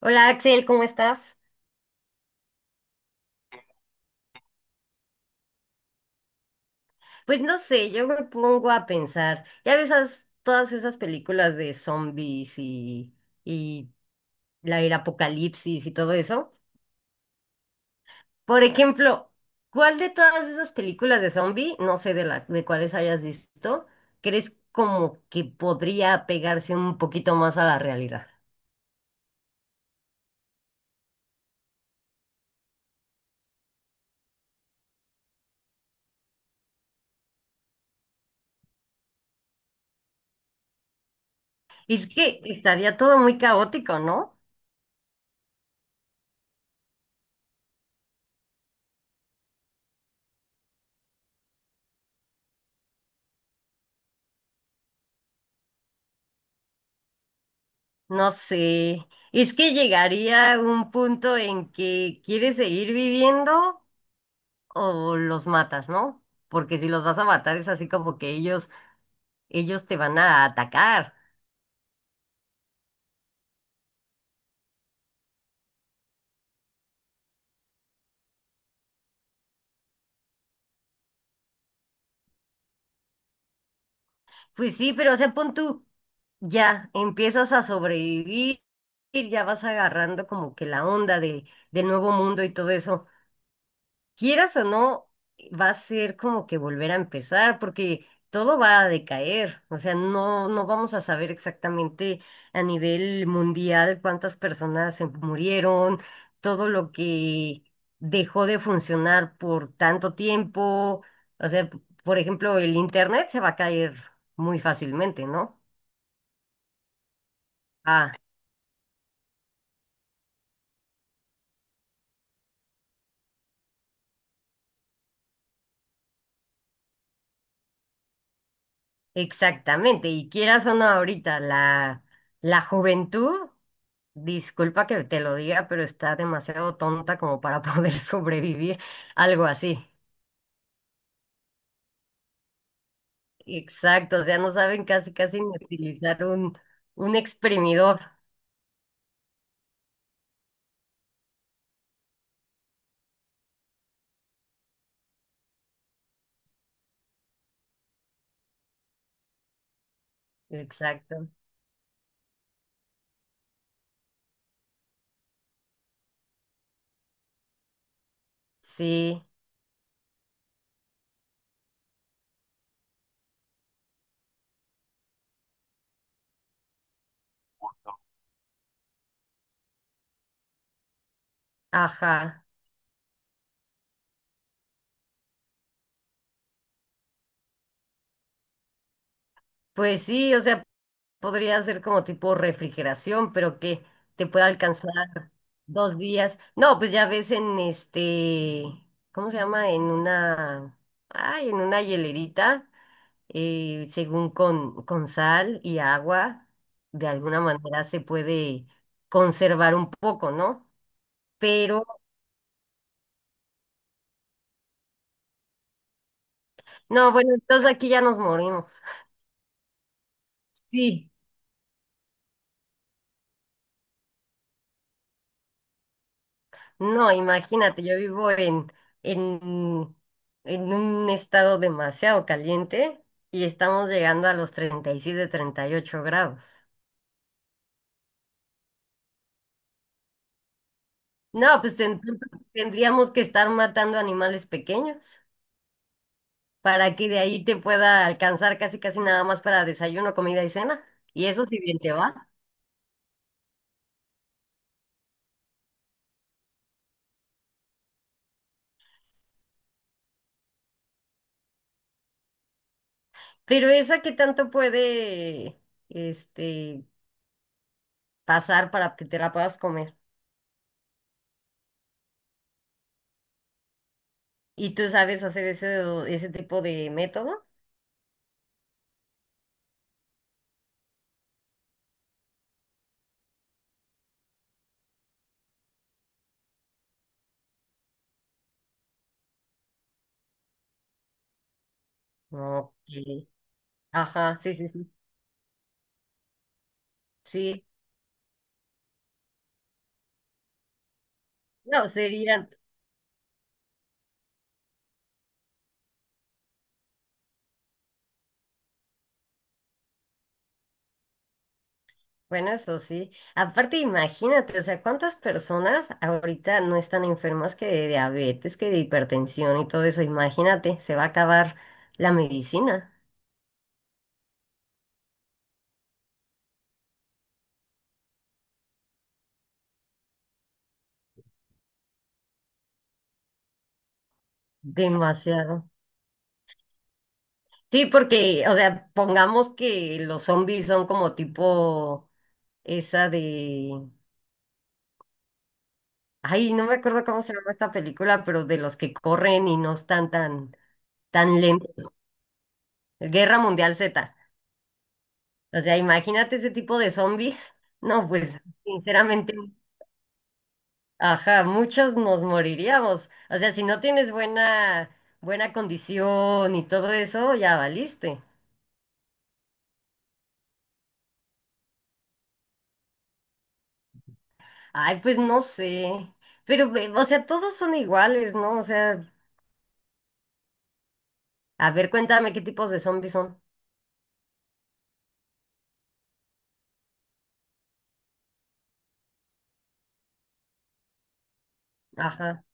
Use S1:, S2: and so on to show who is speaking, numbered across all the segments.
S1: Hola Axel, ¿cómo estás? Pues no sé, yo me pongo a pensar, ya ves todas esas películas de zombies y el apocalipsis y todo eso. Por ejemplo, ¿cuál de todas esas películas de zombie, no sé de cuáles hayas visto, crees como que podría pegarse un poquito más a la realidad? Es que estaría todo muy caótico, ¿no? No sé, es que llegaría un punto en que quieres seguir viviendo o los matas, ¿no? Porque si los vas a matar es así como que ellos te van a atacar. Pues sí, pero o sea, pon tú, ya empiezas a sobrevivir, ya vas agarrando como que la onda del nuevo mundo y todo eso. Quieras o no, va a ser como que volver a empezar, porque todo va a decaer. O sea, no, no vamos a saber exactamente a nivel mundial cuántas personas se murieron, todo lo que dejó de funcionar por tanto tiempo. O sea, por ejemplo, el internet se va a caer muy fácilmente, ¿no? Ah, exactamente. Y quieras o no, ahorita la juventud. Disculpa que te lo diga, pero está demasiado tonta como para poder sobrevivir algo así. Exacto, o sea, no saben casi casi ni utilizar un exprimidor. Exacto. Sí, ajá. Pues sí, o sea, podría ser como tipo refrigeración, pero que te pueda alcanzar 2 días. No, pues ya ves en este, ¿cómo se llama? En una hielerita. Según con sal y agua, de alguna manera se puede conservar un poco, ¿no? Pero, no, bueno, entonces aquí ya nos morimos. Sí, no, imagínate, yo vivo en, en un estado demasiado caliente y estamos llegando a los 30, 37, 38 grados. No, pues tendríamos que estar matando animales pequeños. Para que de ahí te pueda alcanzar casi casi nada más para desayuno, comida y cena. Y eso si bien te va. Pero esa que tanto puede este, pasar para que te la puedas comer. ¿Y tú sabes hacer ese tipo de método? Ok. Ajá, sí, sí, sí. Sí. No, bueno, eso sí. Aparte, imagínate, o sea, ¿cuántas personas ahorita no están enfermas que de diabetes, que de hipertensión y todo eso? Imagínate, se va a acabar la medicina. Demasiado. Sí, porque, o sea, pongamos que los zombies son como tipo esa de. Ay, no me acuerdo cómo se llama esta película, pero de los que corren y no están tan, lentos. Guerra Mundial Z. O sea, imagínate ese tipo de zombies. No, pues, sinceramente, ajá, muchos nos moriríamos. O sea, si no tienes buena condición y todo eso, ya valiste. Ay, pues no sé. Pero, o sea, todos son iguales, ¿no? O sea, a ver, cuéntame qué tipos de zombies son. Ajá,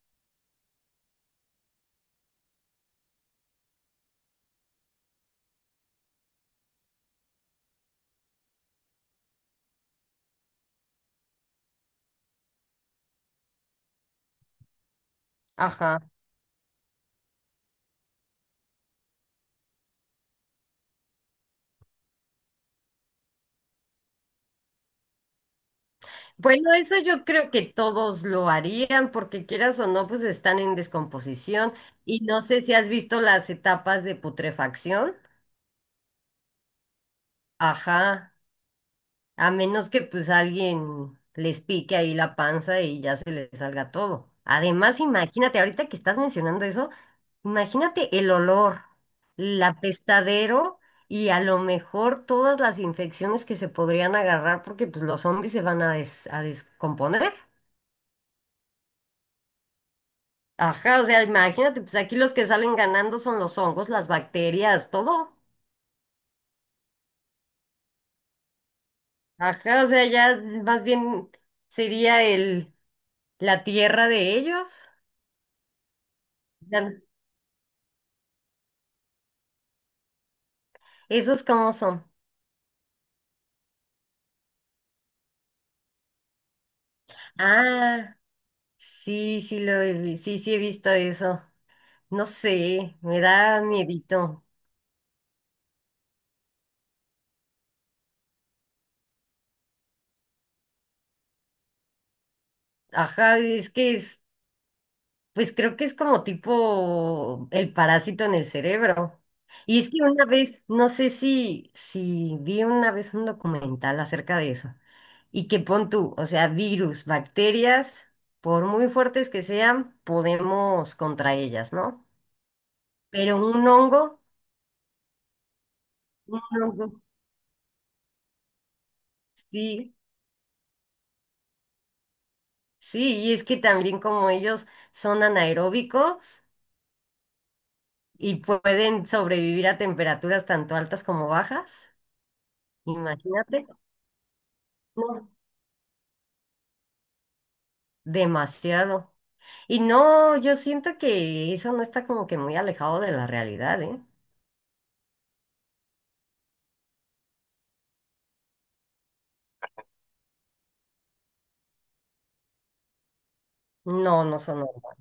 S1: ajá. Bueno, eso yo creo que todos lo harían, porque quieras o no, pues están en descomposición. Y no sé si has visto las etapas de putrefacción. Ajá. A menos que pues alguien les pique ahí la panza y ya se les salga todo. Además, imagínate, ahorita que estás mencionando eso, imagínate el olor, el apestadero y a lo mejor todas las infecciones que se podrían agarrar porque pues los zombies se van a descomponer. Ajá, o sea, imagínate, pues aquí los que salen ganando son los hongos, las bacterias, todo. Ajá, o sea, ya más bien sería la tierra de ellos. ¿Esos cómo son? Ah, sí, sí, sí, sí he visto eso. No sé, me da miedito. Ajá, es que pues creo que es como tipo el parásito en el cerebro. Y es que una vez, no sé si vi una vez un documental acerca de eso. Y que pon tú, o sea, virus, bacterias, por muy fuertes que sean, podemos contra ellas, ¿no? Pero un hongo, sí. Sí, y es que también como ellos son anaeróbicos y pueden sobrevivir a temperaturas tanto altas como bajas, imagínate, no, demasiado. Y no, yo siento que eso no está como que muy alejado de la realidad, ¿eh? No, no son. Hormonas.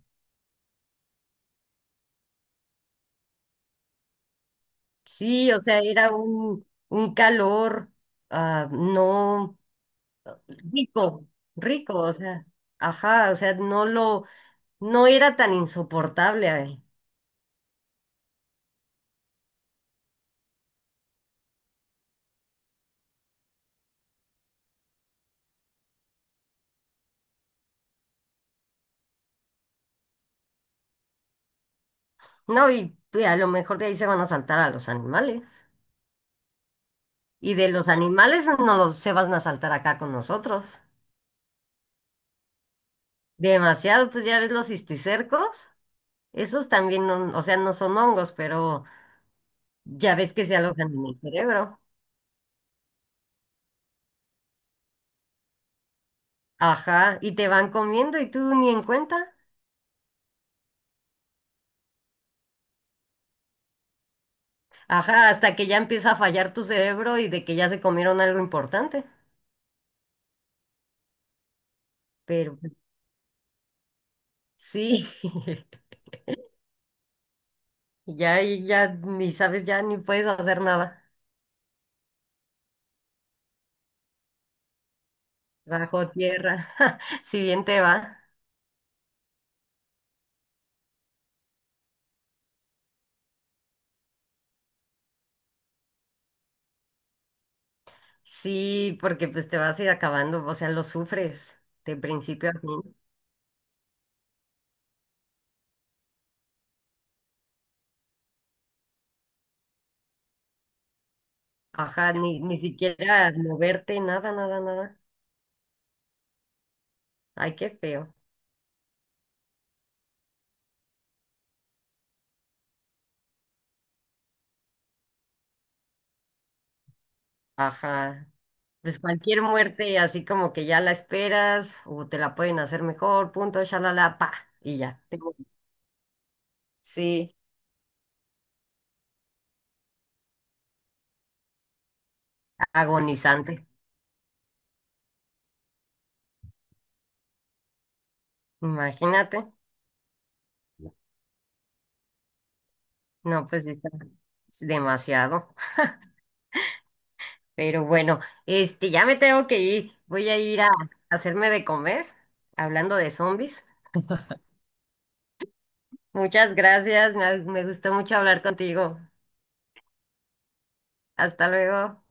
S1: Sí, o sea, era un, calor, no rico, rico, o sea, ajá, o sea, no era tan insoportable. No, y a lo mejor de ahí se van a saltar a los animales. Y de los animales no los, se van a saltar acá con nosotros. Demasiado, pues ya ves los cisticercos. Esos también, o sea, no son hongos, pero ya ves que se alojan en el cerebro. Ajá, y te van comiendo y tú ni en cuenta. Ajá, hasta que ya empieza a fallar tu cerebro y de que ya se comieron algo importante. Pero pues, sí, ya, ni sabes, ya ni puedes hacer nada. Bajo tierra, si bien te va. Sí, porque pues te vas a ir acabando, o sea, lo sufres de principio a fin. Ajá, ni siquiera moverte, nada, nada, nada. Ay, qué feo. Ajá. Pues cualquier muerte, así como que ya la esperas, o te la pueden hacer mejor, punto, shalala, pa, y ya. Sí, agonizante. Imagínate. No, pues sí está demasiado. Pero bueno, ya me tengo que ir. Voy a ir a hacerme de comer, hablando de zombies. Muchas gracias, me gustó mucho hablar contigo. Hasta luego.